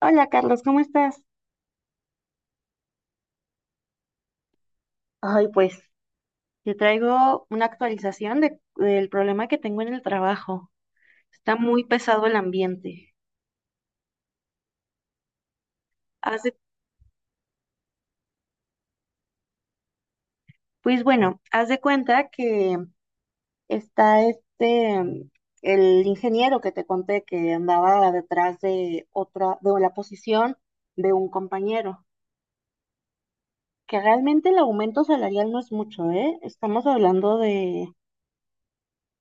Hola Carlos, ¿cómo estás? Ay, pues te traigo una actualización del problema que tengo en el trabajo. Está muy pesado el ambiente. Haz de- pues bueno, haz de cuenta que está este, mm, el ingeniero que te conté que andaba detrás de la posición de un compañero, que realmente el aumento salarial no es mucho, ¿eh? Estamos hablando de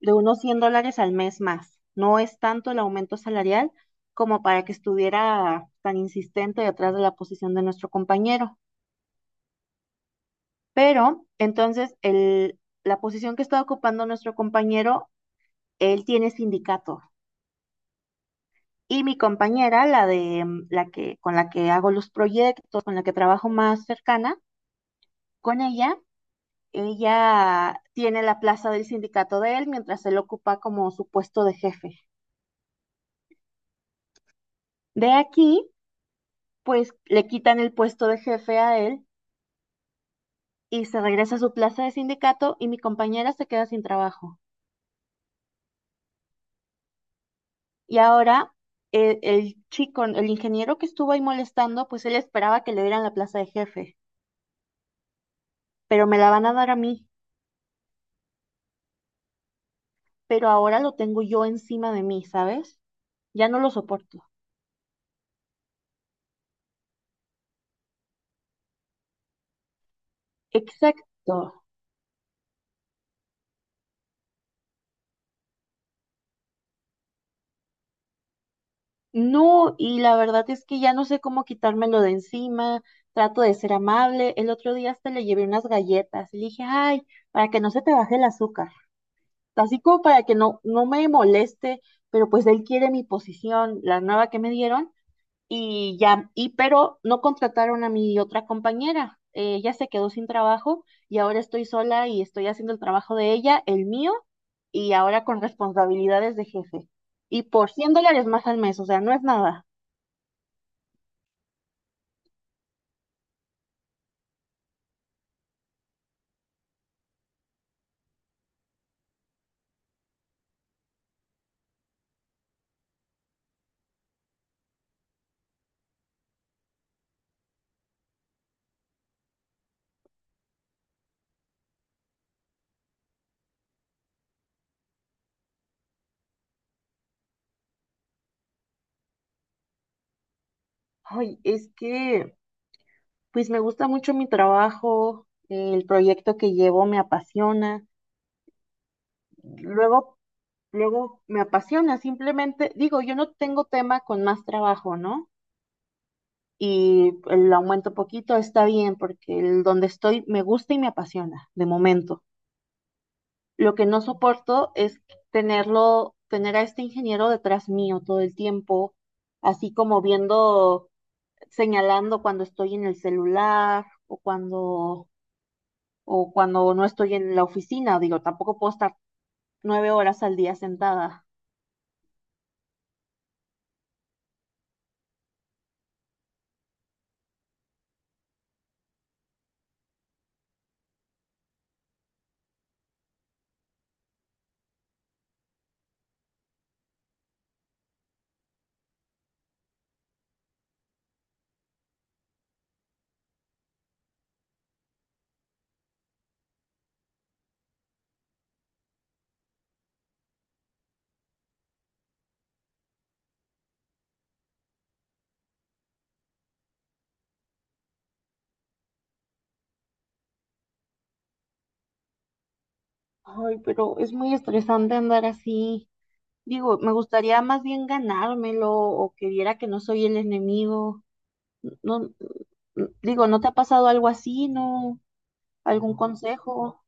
de unos $100 al mes más. No es tanto el aumento salarial como para que estuviera tan insistente detrás de la posición de nuestro compañero. Pero entonces la posición que está ocupando nuestro compañero, él tiene sindicato. Y mi compañera, la de mm, la que con la que hago los proyectos, con la que trabajo más cercana, con ella, ella tiene la plaza del sindicato de él mientras él ocupa como su puesto de jefe. De aquí pues le quitan el puesto de jefe a él y se regresa a su plaza de sindicato y mi compañera se queda sin trabajo. Y ahora el chico, el ingeniero que estuvo ahí molestando, pues él esperaba que le dieran la plaza de jefe, pero me la van a dar a mí, pero ahora lo tengo yo encima de mí, ¿sabes? Ya no lo soporto. Exacto. No, y la verdad es que ya no sé cómo quitármelo de encima. Trato de ser amable. El otro día hasta le llevé unas galletas y le dije, ay, para que no se te baje el azúcar. Así como para que no me moleste, pero pues él quiere mi posición, la nueva que me dieron, y ya, y pero no contrataron a mi otra compañera. Ella se quedó sin trabajo y ahora estoy sola y estoy haciendo el trabajo de ella, el mío, y ahora con responsabilidades de jefe. Y por $100 más al mes, o sea, no es nada. Ay, es que, pues me gusta mucho mi trabajo, el proyecto que llevo me apasiona. Luego Luego me apasiona, simplemente digo, yo no tengo tema con más trabajo, ¿no? Y el aumento poquito está bien porque el donde estoy me gusta y me apasiona de momento. Lo que no soporto es tener a este ingeniero detrás mío todo el tiempo, así como viendo, señalando cuando estoy en el celular o cuando no estoy en la oficina, digo, tampoco puedo estar 9 horas al día sentada. Ay, pero es muy estresante andar así. Digo, me gustaría más bien ganármelo o que viera que no soy el enemigo. No, digo, ¿no te ha pasado algo así, no? ¿Algún consejo?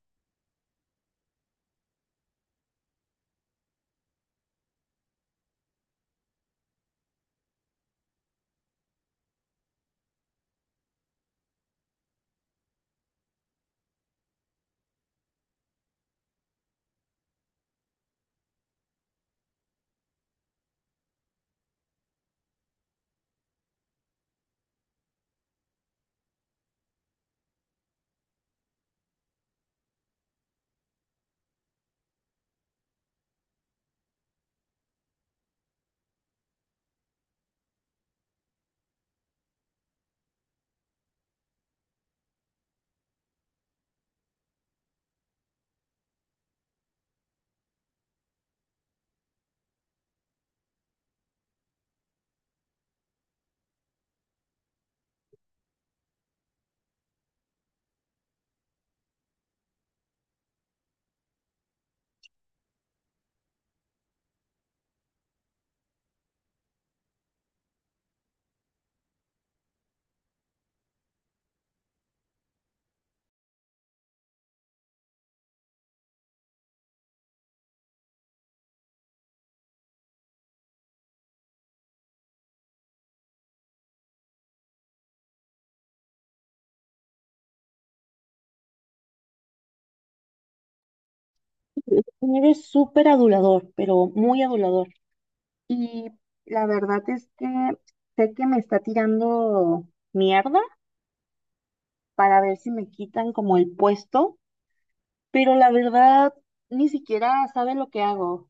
Eres súper adulador, pero muy adulador. Y la verdad es que sé que me está tirando mierda para ver si me quitan como el puesto, pero la verdad ni siquiera sabe lo que hago.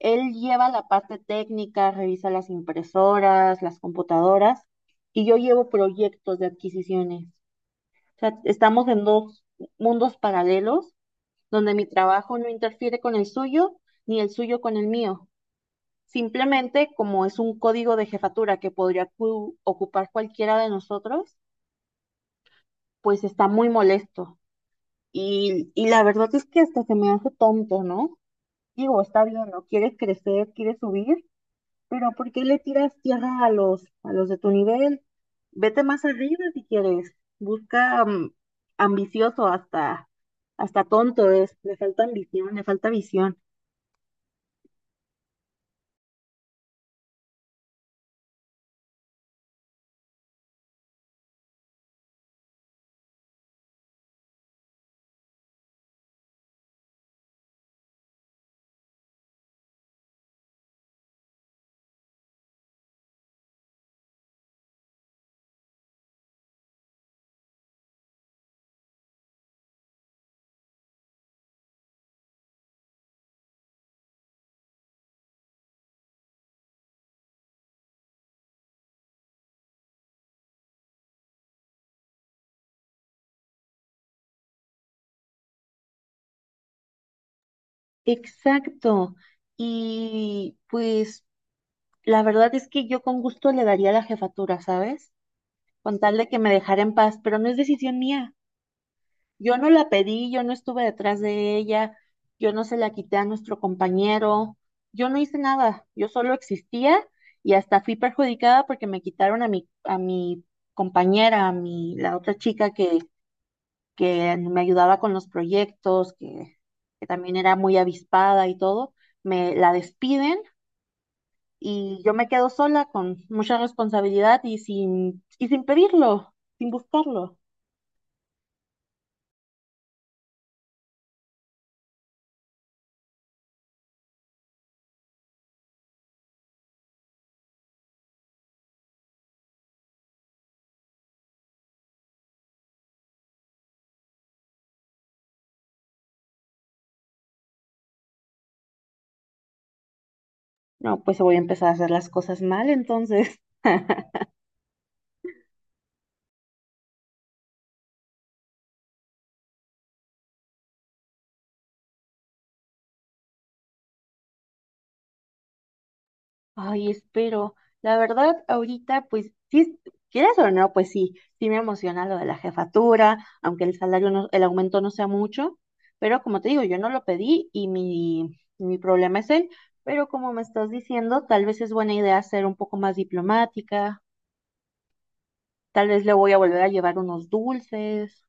Él lleva la parte técnica, revisa las impresoras, las computadoras, y yo llevo proyectos de adquisiciones. O sea, estamos en dos mundos paralelos donde mi trabajo no interfiere con el suyo, ni el suyo con el mío. Simplemente, como es un código de jefatura que podría cu- ocupar cualquiera de nosotros, pues está muy molesto. Y la verdad es que hasta se me hace tonto, ¿no? Digo, está bien, ¿no? Quieres crecer, quieres subir, pero ¿por qué le tiras tierra a los de tu nivel? Vete más arriba si quieres. Busca mm, Ambicioso hasta tonto es. Le falta ambición, le falta visión. Exacto. Y pues la verdad es que yo con gusto le daría la jefatura, ¿sabes? Con tal de que me dejara en paz, pero no es decisión mía. Yo no la pedí, yo no estuve detrás de ella, yo no se la quité a nuestro compañero, yo no hice nada, yo solo existía y hasta fui perjudicada porque me quitaron a mi compañera, la otra chica que me ayudaba con los proyectos, que también era muy avispada y todo, me la despiden y yo me quedo sola con mucha responsabilidad y sin pedirlo, sin buscarlo. No, pues voy a empezar a hacer las cosas mal entonces. Ay, espero. La verdad, ahorita, pues, sí, quieras o no, pues sí, sí me emociona lo de la jefatura, aunque el salario no, el aumento no sea mucho, pero como te digo, yo no lo pedí y mi problema es él, pero como me estás diciendo, tal vez es buena idea ser un poco más diplomática, tal vez le voy a volver a llevar unos dulces.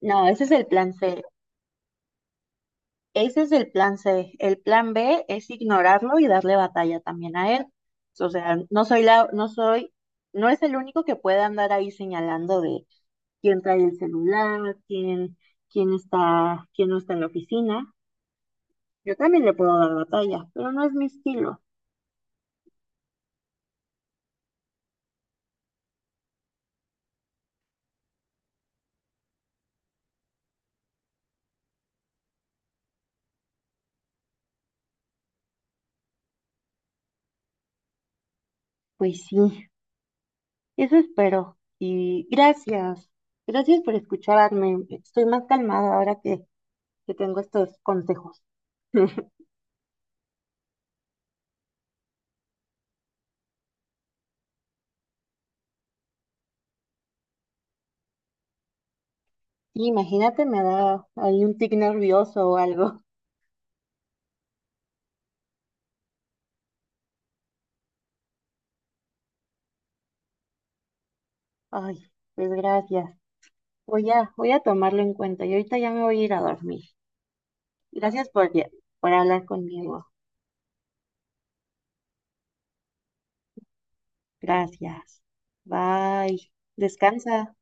No, ese es el plan C. Ese es el plan C. El plan B es ignorarlo y darle batalla también a él. O sea, no soy no es el único que puede andar ahí señalando de quién trae el celular, quién está, quién no está en la oficina. Yo también le puedo dar batalla, pero no es mi estilo. Pues sí, eso espero. Y gracias, gracias por escucharme. Estoy más calmada ahora que tengo estos consejos. Imagínate, me da ahí un tic nervioso o algo. Ay, pues gracias. Voy a tomarlo en cuenta y ahorita ya me voy a ir a dormir. Gracias por hablar conmigo. Gracias. Bye. Descansa.